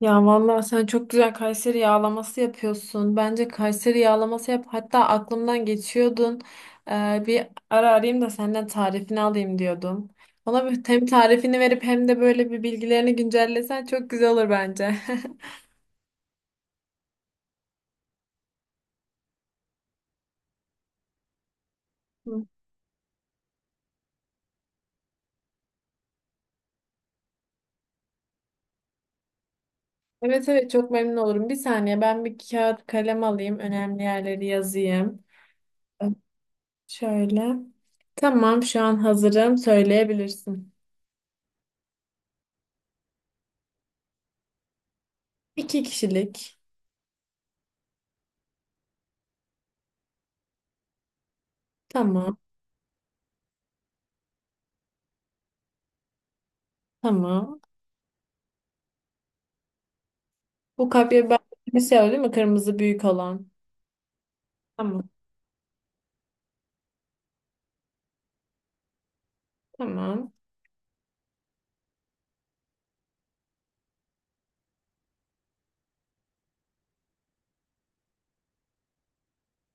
Ya vallahi sen çok güzel Kayseri yağlaması yapıyorsun. Bence Kayseri yağlaması yap. Hatta aklımdan geçiyordun. Bir ara arayayım da senden tarifini alayım diyordum. Ona bir hem tarifini verip hem de böyle bir bilgilerini güncellesen çok güzel olur bence. Hı. Evet evet, çok memnun olurum. Bir saniye, ben bir kağıt kalem alayım. Önemli yerleri yazayım. Şöyle. Tamam, şu an hazırım. Söyleyebilirsin. İki kişilik. Tamam. Tamam. Bu kapya, ben şey var değil mi? Kırmızı büyük olan. Tamam. Tamam.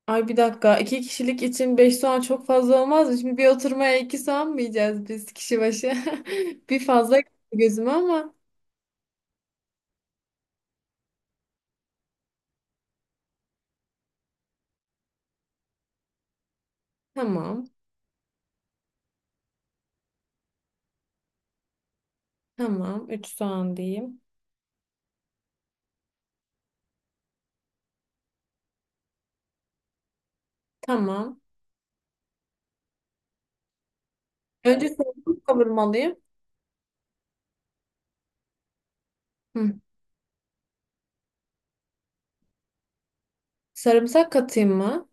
Ay, bir dakika. İki kişilik için beş soğan çok fazla olmaz mı? Şimdi bir oturmaya iki soğan mı yiyeceğiz biz kişi başı? Bir fazla geldi gözüme ama. Tamam. Tamam. Üç soğan diyeyim. Tamam. Önce sarımsak kavurmalıyım. Hı. Sarımsak katayım mı?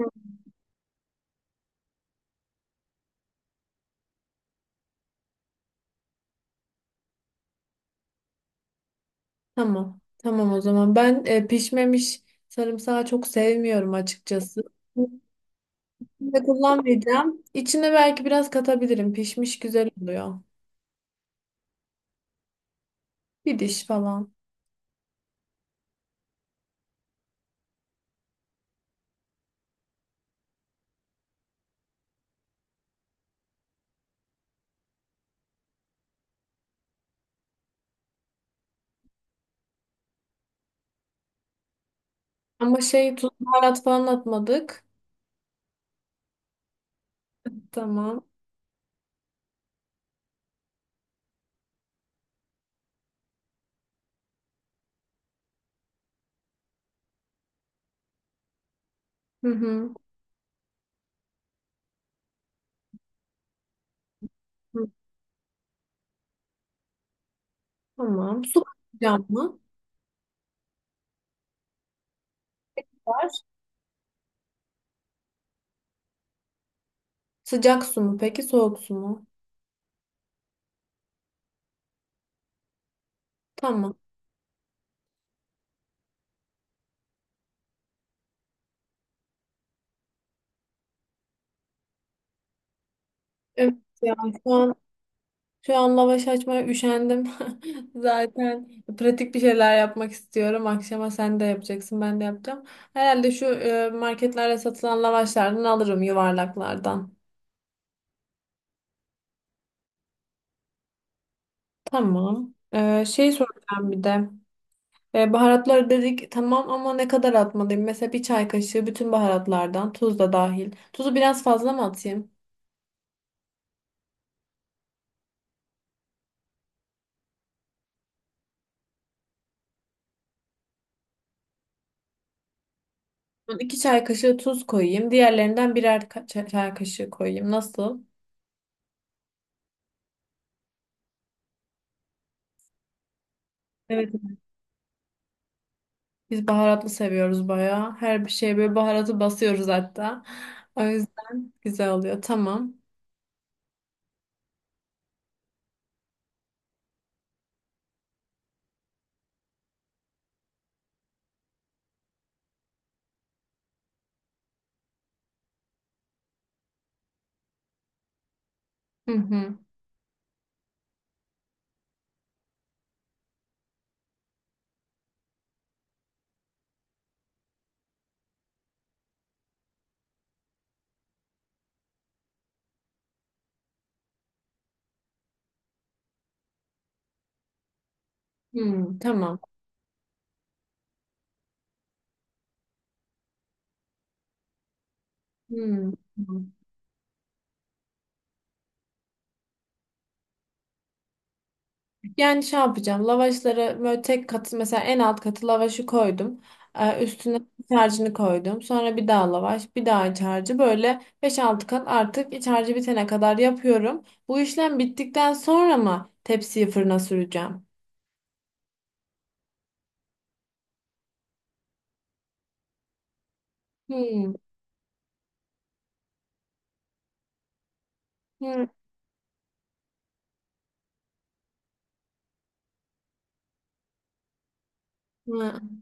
Hı. Tamam. Tamam o zaman. Ben pişmemiş sarımsağı çok sevmiyorum açıkçası. De kullanmayacağım. İçine belki biraz katabilirim. Pişmiş güzel oluyor. Bir diş falan. Ama şey, tuz baharat falan atmadık. Tamam. Hı hı. Hı, tamam. Su katacağım mı? Var. Sıcak su mu peki soğuk su mu? Tamam. Evet ya, şu an şu an lavaş açmaya üşendim. Zaten pratik bir şeyler yapmak istiyorum. Akşama sen de yapacaksın, ben de yapacağım. Herhalde şu marketlerde satılan lavaşlardan alırım, yuvarlaklardan. Tamam. Şey soracağım bir de. Baharatlar dedik tamam, ama ne kadar atmalıyım? Mesela bir çay kaşığı bütün baharatlardan, tuz da dahil. Tuzu biraz fazla mı atayım? Ben İki çay kaşığı tuz koyayım. Diğerlerinden birer çay kaşığı koyayım. Nasıl? Evet. Biz baharatlı seviyoruz bayağı. Her bir şeye böyle baharatı basıyoruz hatta. O yüzden güzel oluyor. Tamam. Hı hı. Hı, tamam. Hı. Yani şey yapacağım. Lavaşları böyle tek katı, mesela en alt katı lavaşı koydum. Üstüne iç harcını koydum. Sonra bir daha lavaş, bir daha iç harcı. Böyle beş altı kat, artık iç harcı bitene kadar yapıyorum. Bu işlem bittikten sonra mı tepsiyi fırına süreceğim? Hmm. Hmm. Hmm.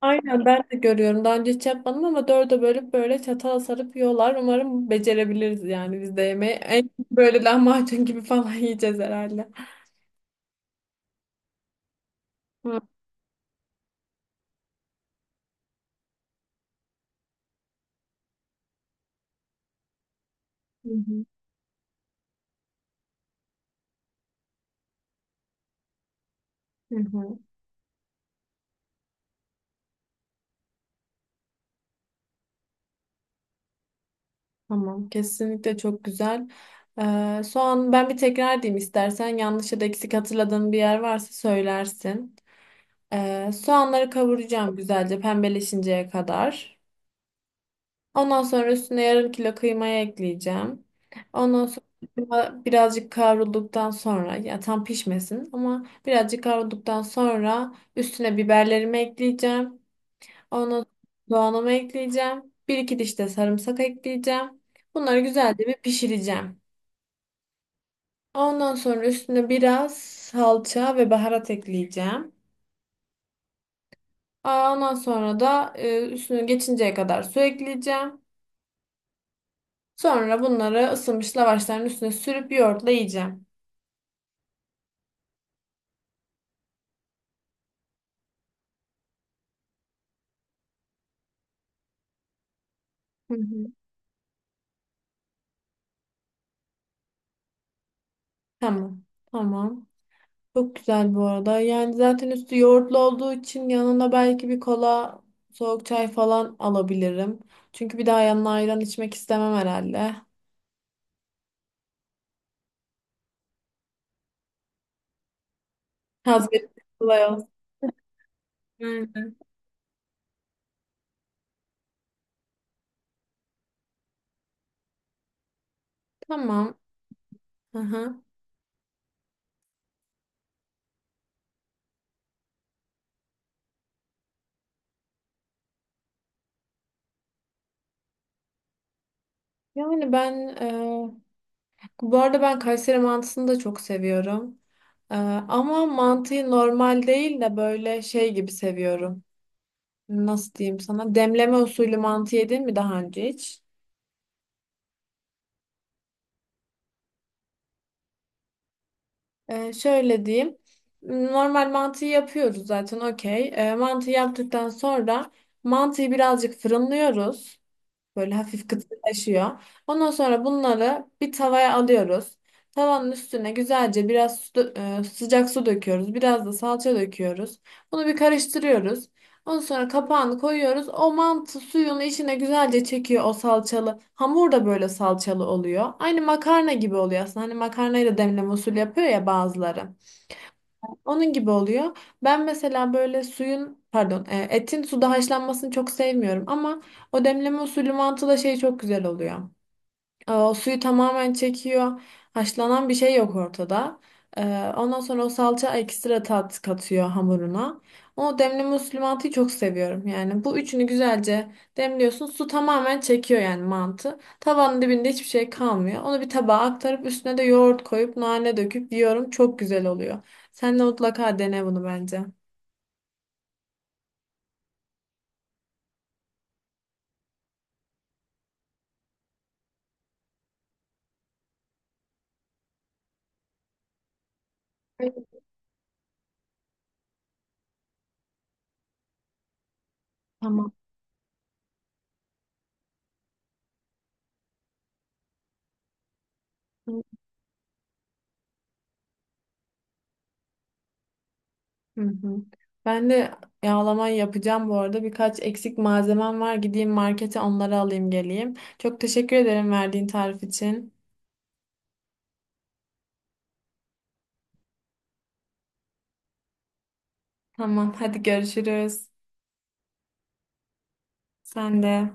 Aynen, ben de görüyorum. Daha önce hiç yapmadım ama dörde bölüp böyle çatala sarıp yiyorlar. Umarım becerebiliriz yani biz de yemeği. En böyle lahmacun gibi falan yiyeceğiz herhalde. Hı hı. Hı hı. Tamam, kesinlikle çok güzel. Soğan, ben bir tekrar diyeyim, istersen yanlış ya da eksik hatırladığım bir yer varsa söylersin. Soğanları kavuracağım güzelce pembeleşinceye kadar. Ondan sonra üstüne yarım kilo kıymayı ekleyeceğim. Ondan sonra kıyma birazcık kavrulduktan sonra, ya tam pişmesin ama birazcık kavrulduktan sonra, üstüne biberlerimi ekleyeceğim. Ondan sonra soğanımı ekleyeceğim. Bir iki diş de sarımsak ekleyeceğim. Bunları güzelce bir pişireceğim. Ondan sonra üstüne biraz salça ve baharat ekleyeceğim. Aa, ondan sonra da üstünü geçinceye kadar su ekleyeceğim. Sonra bunları ısınmış lavaşların üstüne sürüp yoğurtla yiyeceğim. Hı hı. Tamam. Tamam. Çok güzel bu arada. Yani zaten üstü yoğurtlu olduğu için yanına belki bir kola, soğuk çay falan alabilirim. Çünkü bir daha yanına ayran içmek istemem herhalde. Hazreti kolay olsun. Aynen. Tamam. Aha. Yani ben e, bu arada ben Kayseri mantısını da çok seviyorum. Ama mantıyı normal değil de böyle şey gibi seviyorum. Nasıl diyeyim sana? Demleme usulü mantı yedin mi daha önce hiç? Şöyle diyeyim. Normal mantıyı yapıyoruz zaten, okey. Mantıyı yaptıktan sonra mantıyı birazcık fırınlıyoruz. Böyle hafif kıtırlaşıyor. Ondan sonra bunları bir tavaya alıyoruz. Tavanın üstüne güzelce biraz su sıcak su döküyoruz. Biraz da salça döküyoruz. Bunu bir karıştırıyoruz. Ondan sonra kapağını koyuyoruz. O mantı suyunu içine güzelce çekiyor, o salçalı. Hamur da böyle salçalı oluyor. Aynı makarna gibi oluyor aslında. Hani makarnayla demleme usulü yapıyor ya bazıları. Onun gibi oluyor. Ben mesela böyle suyun pardon etin suda haşlanmasını çok sevmiyorum, ama o demleme usulü mantıda şey çok güzel oluyor. O suyu tamamen çekiyor. Haşlanan bir şey yok ortada. E, Ondan sonra o salça ekstra tat katıyor hamuruna. O demli muslimatı çok seviyorum. Yani bu üçünü güzelce demliyorsun. Su tamamen çekiyor yani mantı. Tavanın dibinde hiçbir şey kalmıyor. Onu bir tabağa aktarıp üstüne de yoğurt koyup nane döküp yiyorum. Çok güzel oluyor. Sen de mutlaka dene bunu bence. Tamam. Hı hı. Ben de yağlama yapacağım bu arada. Birkaç eksik malzemem var. Gideyim markete, onları alayım geleyim. Çok teşekkür ederim verdiğin tarif için. Tamam, hadi görüşürüz. Sen de.